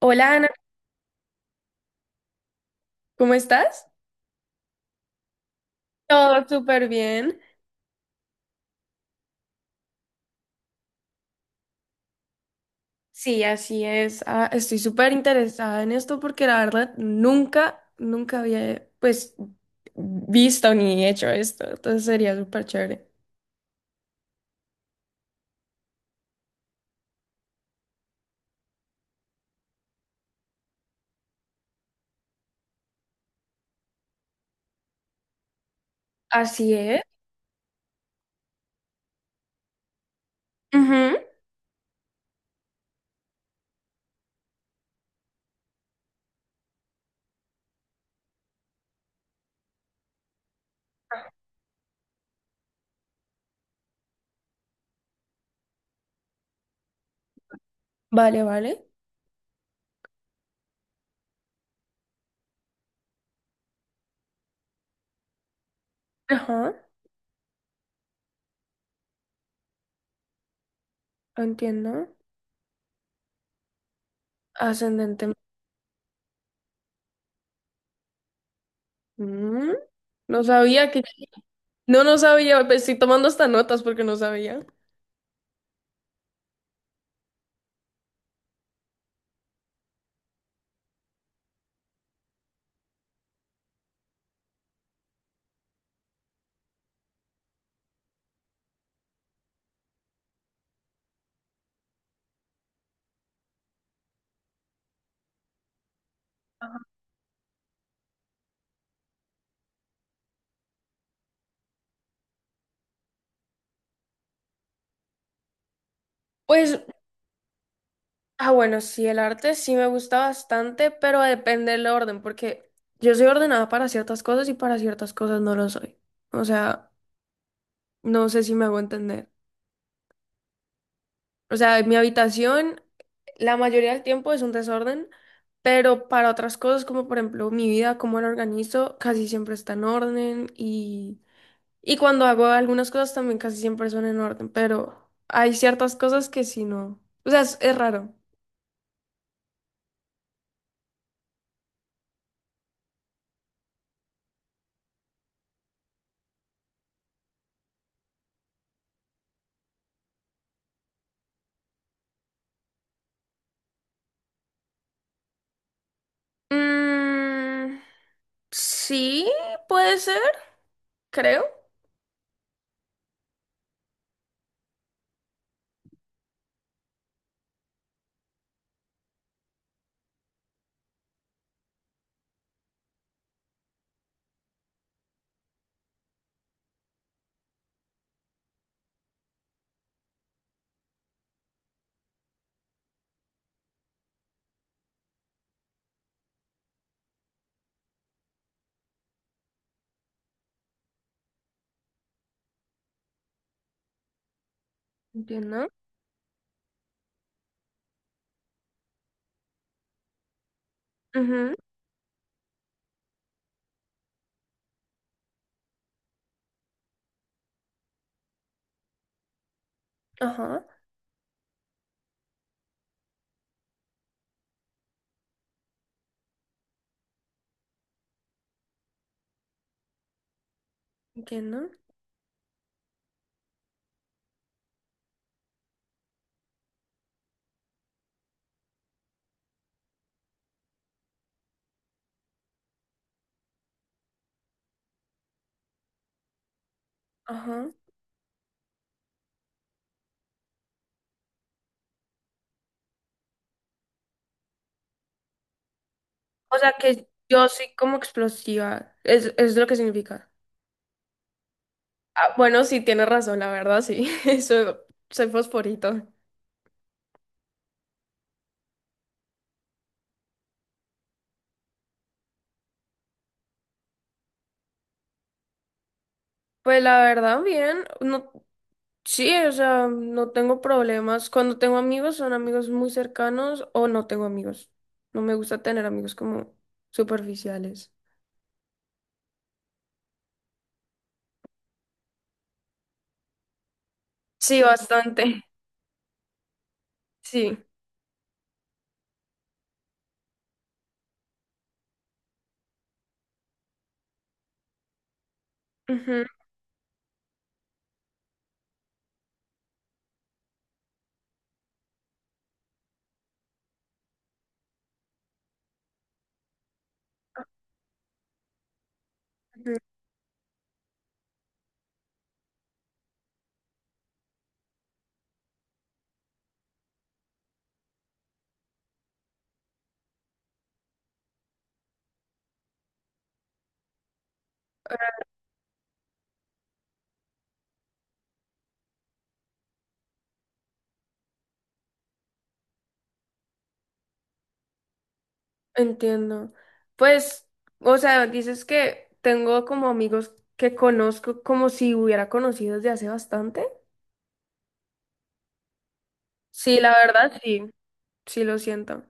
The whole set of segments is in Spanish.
Hola Ana, ¿cómo estás? Todo súper bien. Sí, así es. Ah, estoy súper interesada en esto porque la verdad nunca había visto ni hecho esto. Entonces sería súper chévere. Así es. Ujú. Vale, vale. Ajá, entiendo. Ascendente. Mm, No sabía que. No sabía, pues, estoy tomando hasta notas porque no sabía. Pues, ah, bueno, sí, el arte sí me gusta bastante, pero depende del orden, porque yo soy ordenada para ciertas cosas y para ciertas cosas no lo soy. O sea, no sé si me hago entender. O sea, mi habitación la mayoría del tiempo es un desorden, pero para otras cosas, como por ejemplo mi vida, cómo la organizo, casi siempre está en orden y cuando hago algunas cosas también casi siempre son en orden, pero hay ciertas cosas que sí no. O sea, es raro. Mm, sí, puede ser, creo. Entiendo. Ujú, ajá, entiendo. Ajá. O sea que yo soy como explosiva, es lo que significa. Ah, bueno, sí, tienes razón, la verdad, sí. Soy, soy fosforito. Pues la verdad, bien. No, sí, o sea, no tengo problemas. Cuando tengo amigos, son amigos muy cercanos o no tengo amigos. No me gusta tener amigos como superficiales. Sí, bastante. Sí. Ujú, ujú. Entiendo. Pues, o sea, dices que tengo como amigos que conozco como si hubiera conocido desde hace bastante. Sí, la verdad, sí. Sí, lo siento.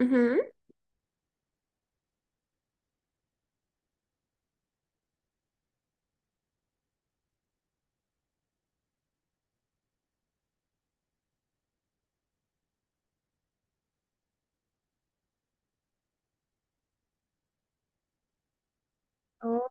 Ujú. Oh,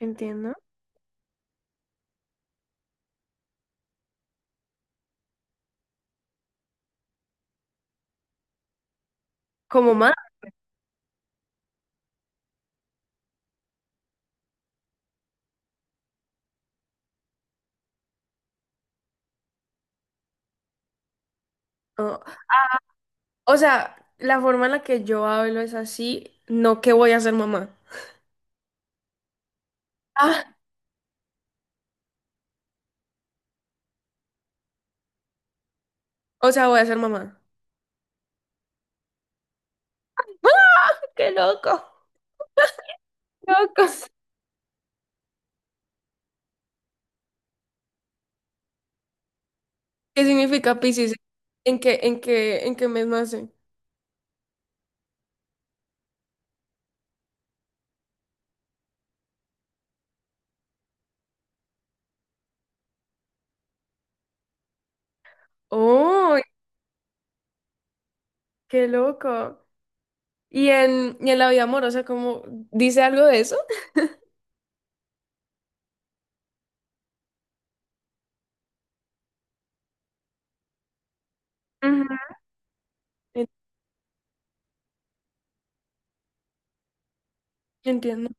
entiendo. Como mamá. Oh, o sea, la forma en la que yo hablo es así, no que voy a ser mamá. Ah, o sea, voy a ser mamá. ¡Qué loco! ¡Locos! ¿Qué significa Piscis? ¿En qué, en qué mes nace? ¡Oh, qué loco! ¿Y y en la vida amorosa, cómo dice algo de eso? Ujú. En- Entiendo.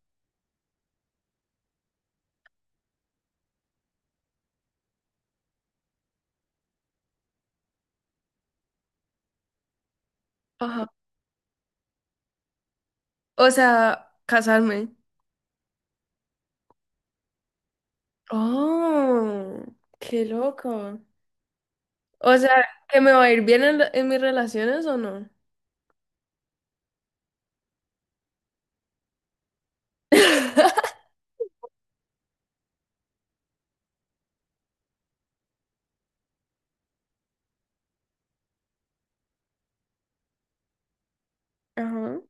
Ajá. O sea, casarme. ¡Oh, qué loco! O sea, ¿que me va a ir bien en, en mis relaciones o no? Ajá.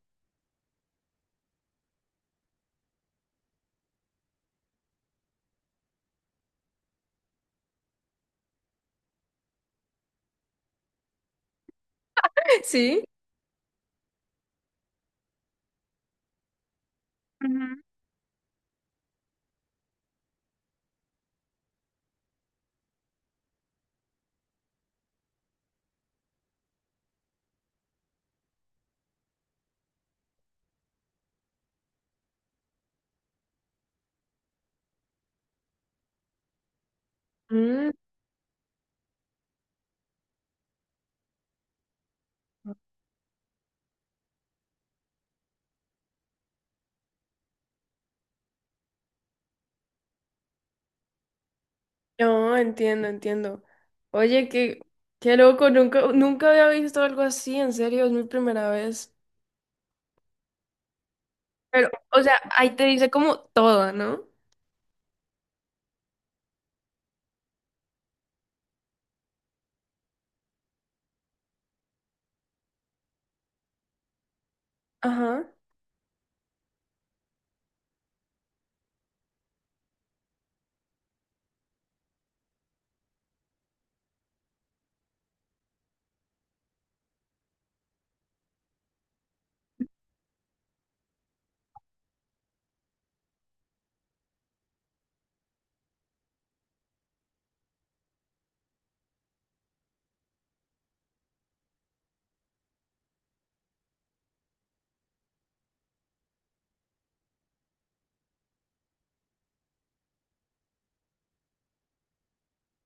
¿Sí? Ujú. Mm, no, entiendo. Oye, qué loco, nunca había visto algo así, en serio, es mi primera vez. Pero, o sea, ahí te dice como todo, ¿no? Ajá.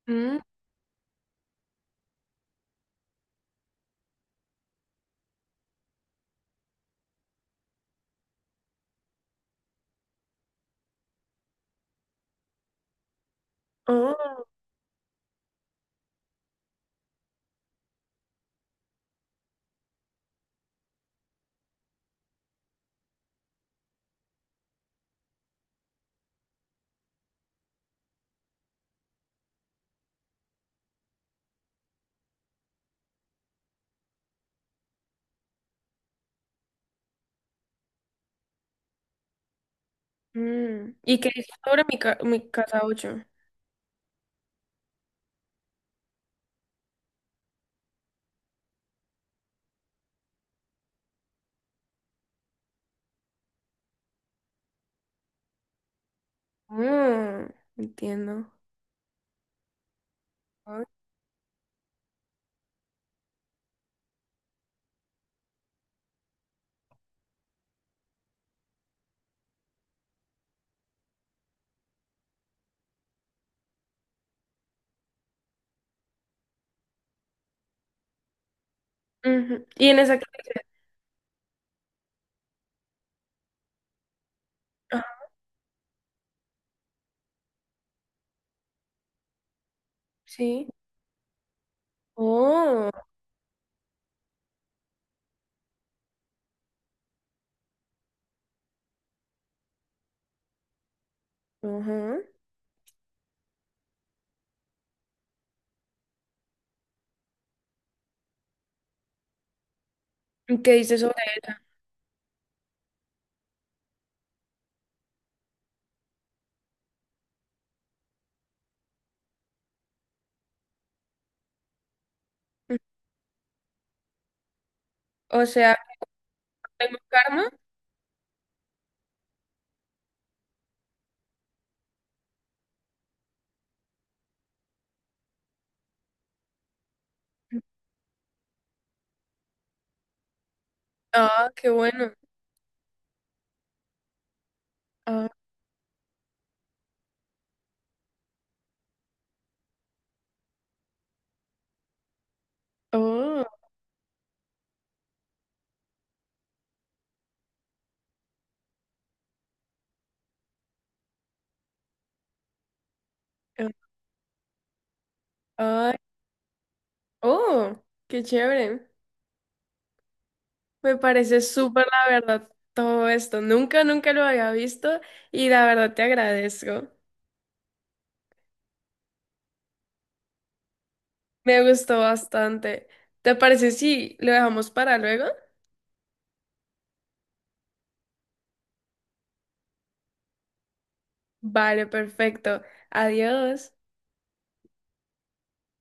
Mm, oh, mm. ¿Y qué dice sobre mi, mi casa 8? Entiendo. Ah, ujú. ¿Y en esa que dice? Ajá, sí. Oh, ajá. ¿Y qué dices? O sea, ¿tengo karma? Ah, qué bueno. Ah, oh, eh, ay, oh, qué chévere. Me parece súper, la verdad, todo esto. Nunca lo había visto y la verdad te agradezco. Me gustó bastante. ¿Te parece si lo dejamos para luego? Vale, perfecto. Adiós.